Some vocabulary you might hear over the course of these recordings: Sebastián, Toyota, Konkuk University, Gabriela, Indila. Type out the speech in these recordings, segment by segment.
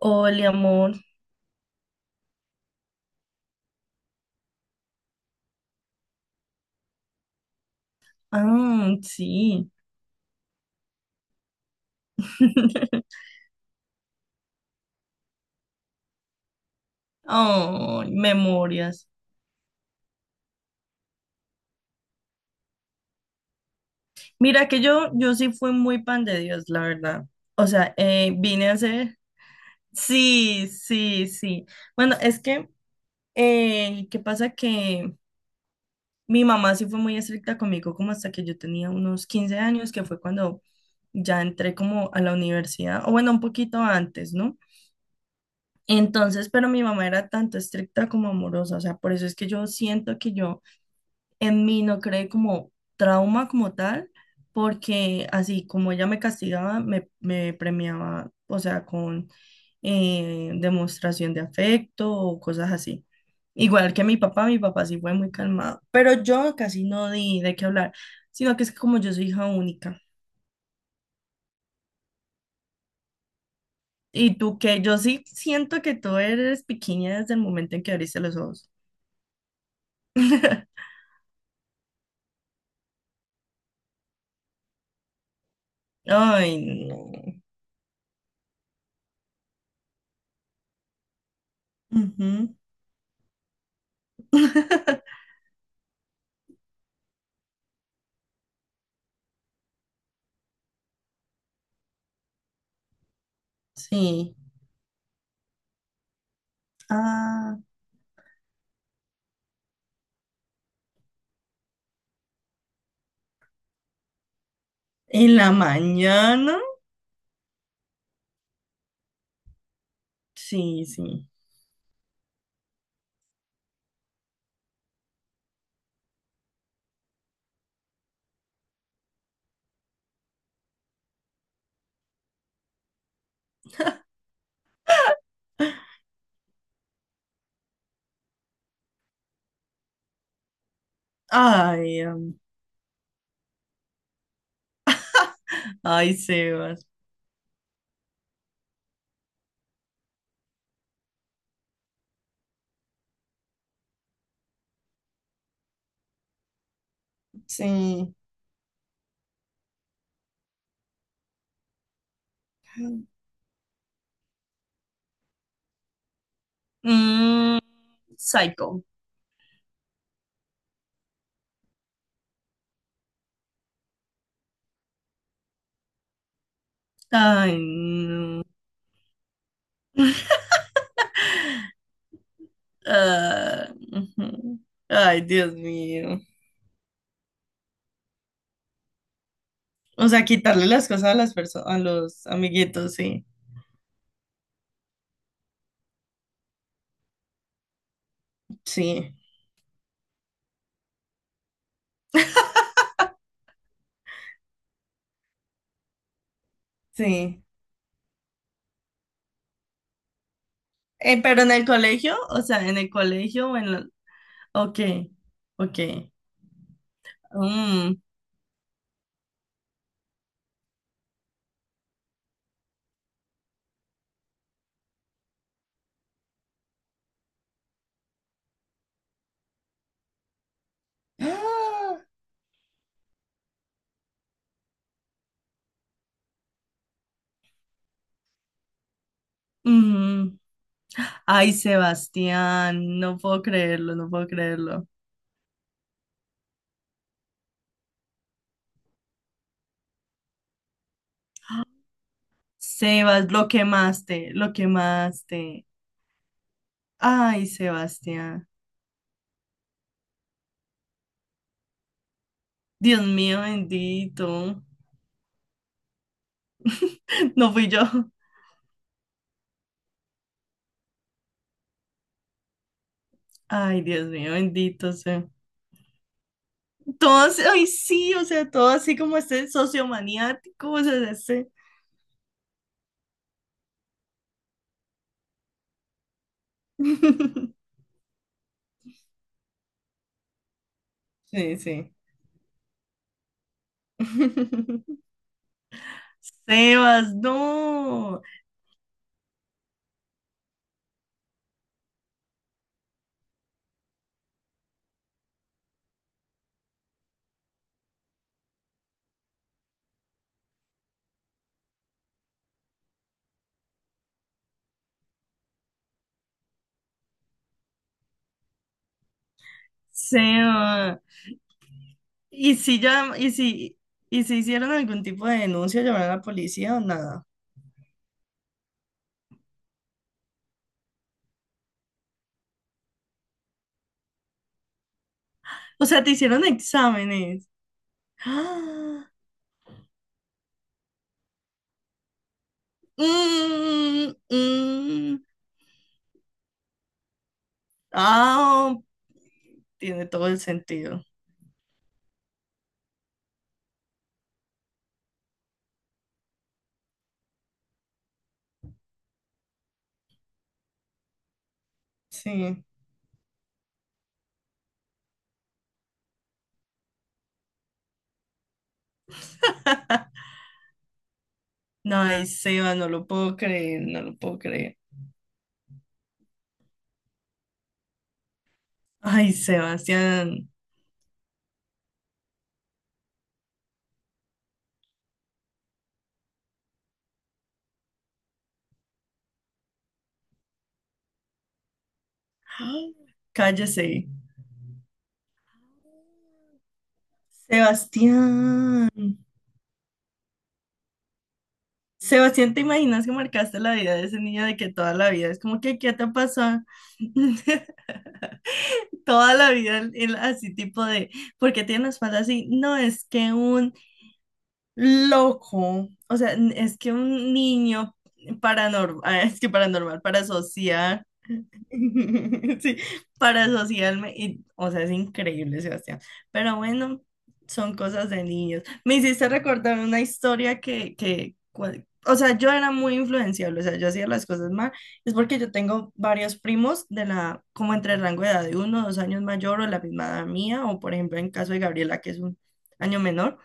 Hola, amor. Ah, sí. Ay, memorias. Mira que yo sí fui muy pan de Dios, la verdad. O sea, vine a ser... Sí, sí, sí. Bueno, es que, ¿qué pasa? Que mi mamá sí fue muy estricta conmigo como hasta que yo tenía unos 15 años, que fue cuando ya entré como a la universidad, o bueno, un poquito antes, ¿no? Entonces, pero mi mamá era tanto estricta como amorosa, o sea, por eso es que yo siento que yo en mí no creé como trauma como tal, porque así como ella me castigaba, me premiaba, o sea, con demostración de afecto o cosas así. Igual que mi papá sí fue muy calmado, pero yo casi no di de qué hablar, sino que es que como yo soy hija única. Y tú que yo sí siento que tú eres pequeña desde el momento en que abriste los ojos. Ay, no. Ujú. Sí. Ah. ¿En la mañana? Sí, sí. Ay, ay, Sebas. Sí. Mm, psycho. Ay, no. Ah, ujú. Ay, Dios mío. O sea, quitarle las cosas a las personas, a los amiguitos, sí. Sí, sí. Pero en el colegio, o sea, en el colegio o en la... Ok, ok. Mm. Ah, ujú. Ay, Sebastián, no puedo creerlo, no puedo creerlo. Sebas, lo quemaste, lo quemaste. Ay, Sebastián. Dios mío, bendito. No fui yo. Ay, Dios mío, bendito sea. Ay, sí, o sea, todo así como este sociomaniático, o sea, este. Sí, sí. Sebas, no. Sebas. ¿Y si ya, y si, y si hicieron algún tipo de denuncia, llamaron a la policía o nada? O sea, te hicieron exámenes. ¡Ah! Mm, mm. Ah, tiene todo el sentido. Sí. No, ay, Seba, no lo puedo creer, no lo puedo creer. Ay, Sebastián. ¡Ah! Cállese. Sebastián. Sebastián, ¿te imaginas que marcaste la vida de ese niño, de que toda la vida es como que, ¿qué te pasa? Toda la vida así tipo de, porque tiene la espalda así. No, es que un loco, o sea, es que un niño paranormal, es que paranormal, para asociar. Sí, para asociarme, y, o sea, es increíble, Sebastián. Pero bueno, son cosas de niños. Me hiciste recordar una historia que, o sea, yo era muy influenciable, o sea, yo hacía las cosas mal. Es porque yo tengo varios primos de la, como entre el rango de edad de uno, o dos años mayor o la misma edad mía, o por ejemplo, en caso de Gabriela, que es un año menor.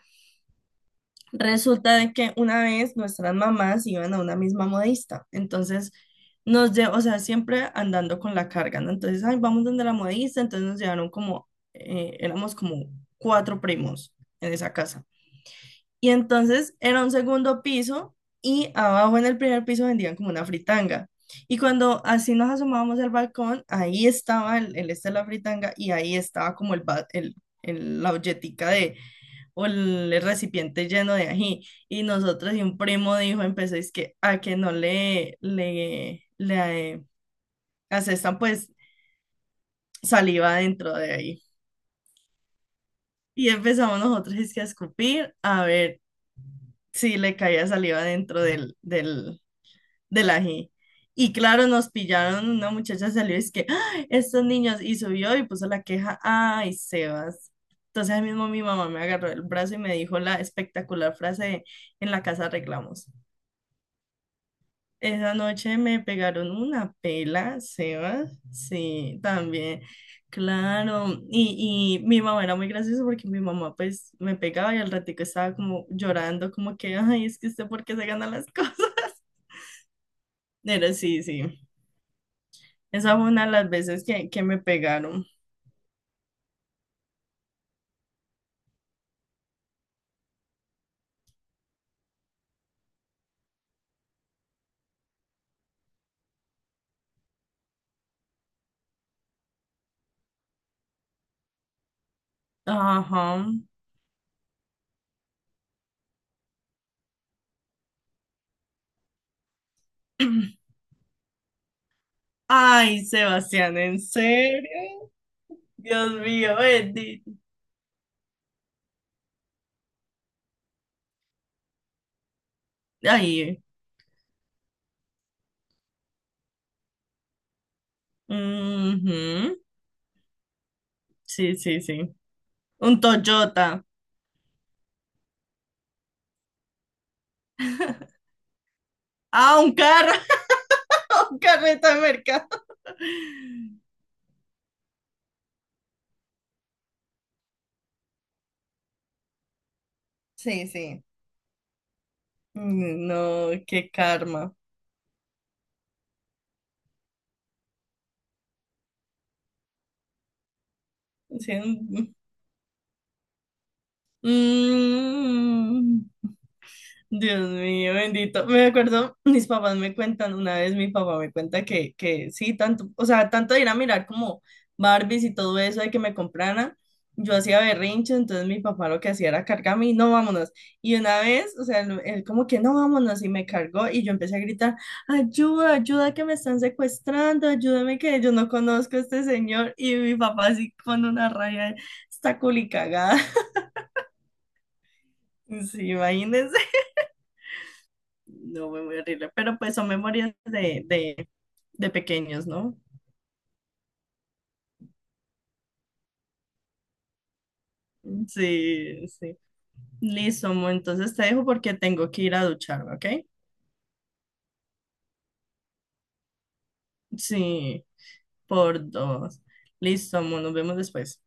Resulta de que una vez nuestras mamás iban a una misma modista, entonces nos llevó, o sea, siempre andando con la carga, ¿no? Entonces, ay, vamos donde la modista, entonces nos llevaron como, éramos como cuatro primos en esa casa. Y entonces era un segundo piso y abajo en el primer piso vendían como una fritanga. Y cuando así nos asomábamos al balcón, ahí estaba el este de la fritanga y ahí estaba como el, ba- el- la olletica de, o el recipiente lleno de ají. Y nosotros, y un primo dijo, empezó, es que a que no le asestan pues saliva dentro de ahí. Y empezamos nosotros es que a escupir, a ver si le caía saliva dentro de la G. Y claro, nos pillaron, una muchacha salió y es que, "Ah, estos niños", y subió y puso la queja, ay, Sebas. Entonces ahí mismo mi mamá me agarró el brazo y me dijo la espectacular frase de, en la casa arreglamos. Esa noche me pegaron una pela, Sebas, sí, también, claro. Y mi mamá era muy graciosa, porque mi mamá pues me pegaba y al ratico estaba como llorando, como que, ay, es que usted por qué se gana las cosas. Pero sí, sí. Esa fue una de las veces que me pegaron. Ajá. Ay, Sebastián, ¿en serio? Dios mío, bendito. Ay, ujú. Sí, sí, sí. Un Toyota. Ah, un carro, un carreta de mercado. Sí, sí. Mm, no, qué karma. Sí, mm. Mm. Dios mío, bendito. Me acuerdo, mis papás me cuentan, una vez mi papá me cuenta que sí, tanto, o sea, tanto de ir a mirar como Barbies y todo eso de que me compraran, yo hacía berrinche, entonces mi papá lo que hacía era cargarme y no, vámonos. Y una vez, o sea, él como que no, vámonos y me cargó y yo empecé a gritar, ayuda, ayuda que me están secuestrando, ayúdame que yo no conozco a este señor. Y mi papá así con una raya, está culicagada. Sí, imagínense. No, fue muy horrible. Pero pues son memorias de, de pequeños, ¿no? Sí, sí. Listo, Mo, entonces te dejo porque tengo que ir a ducharme, ¿ok? Sí, por dos. Listo, Mo, nos vemos después.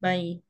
Bye.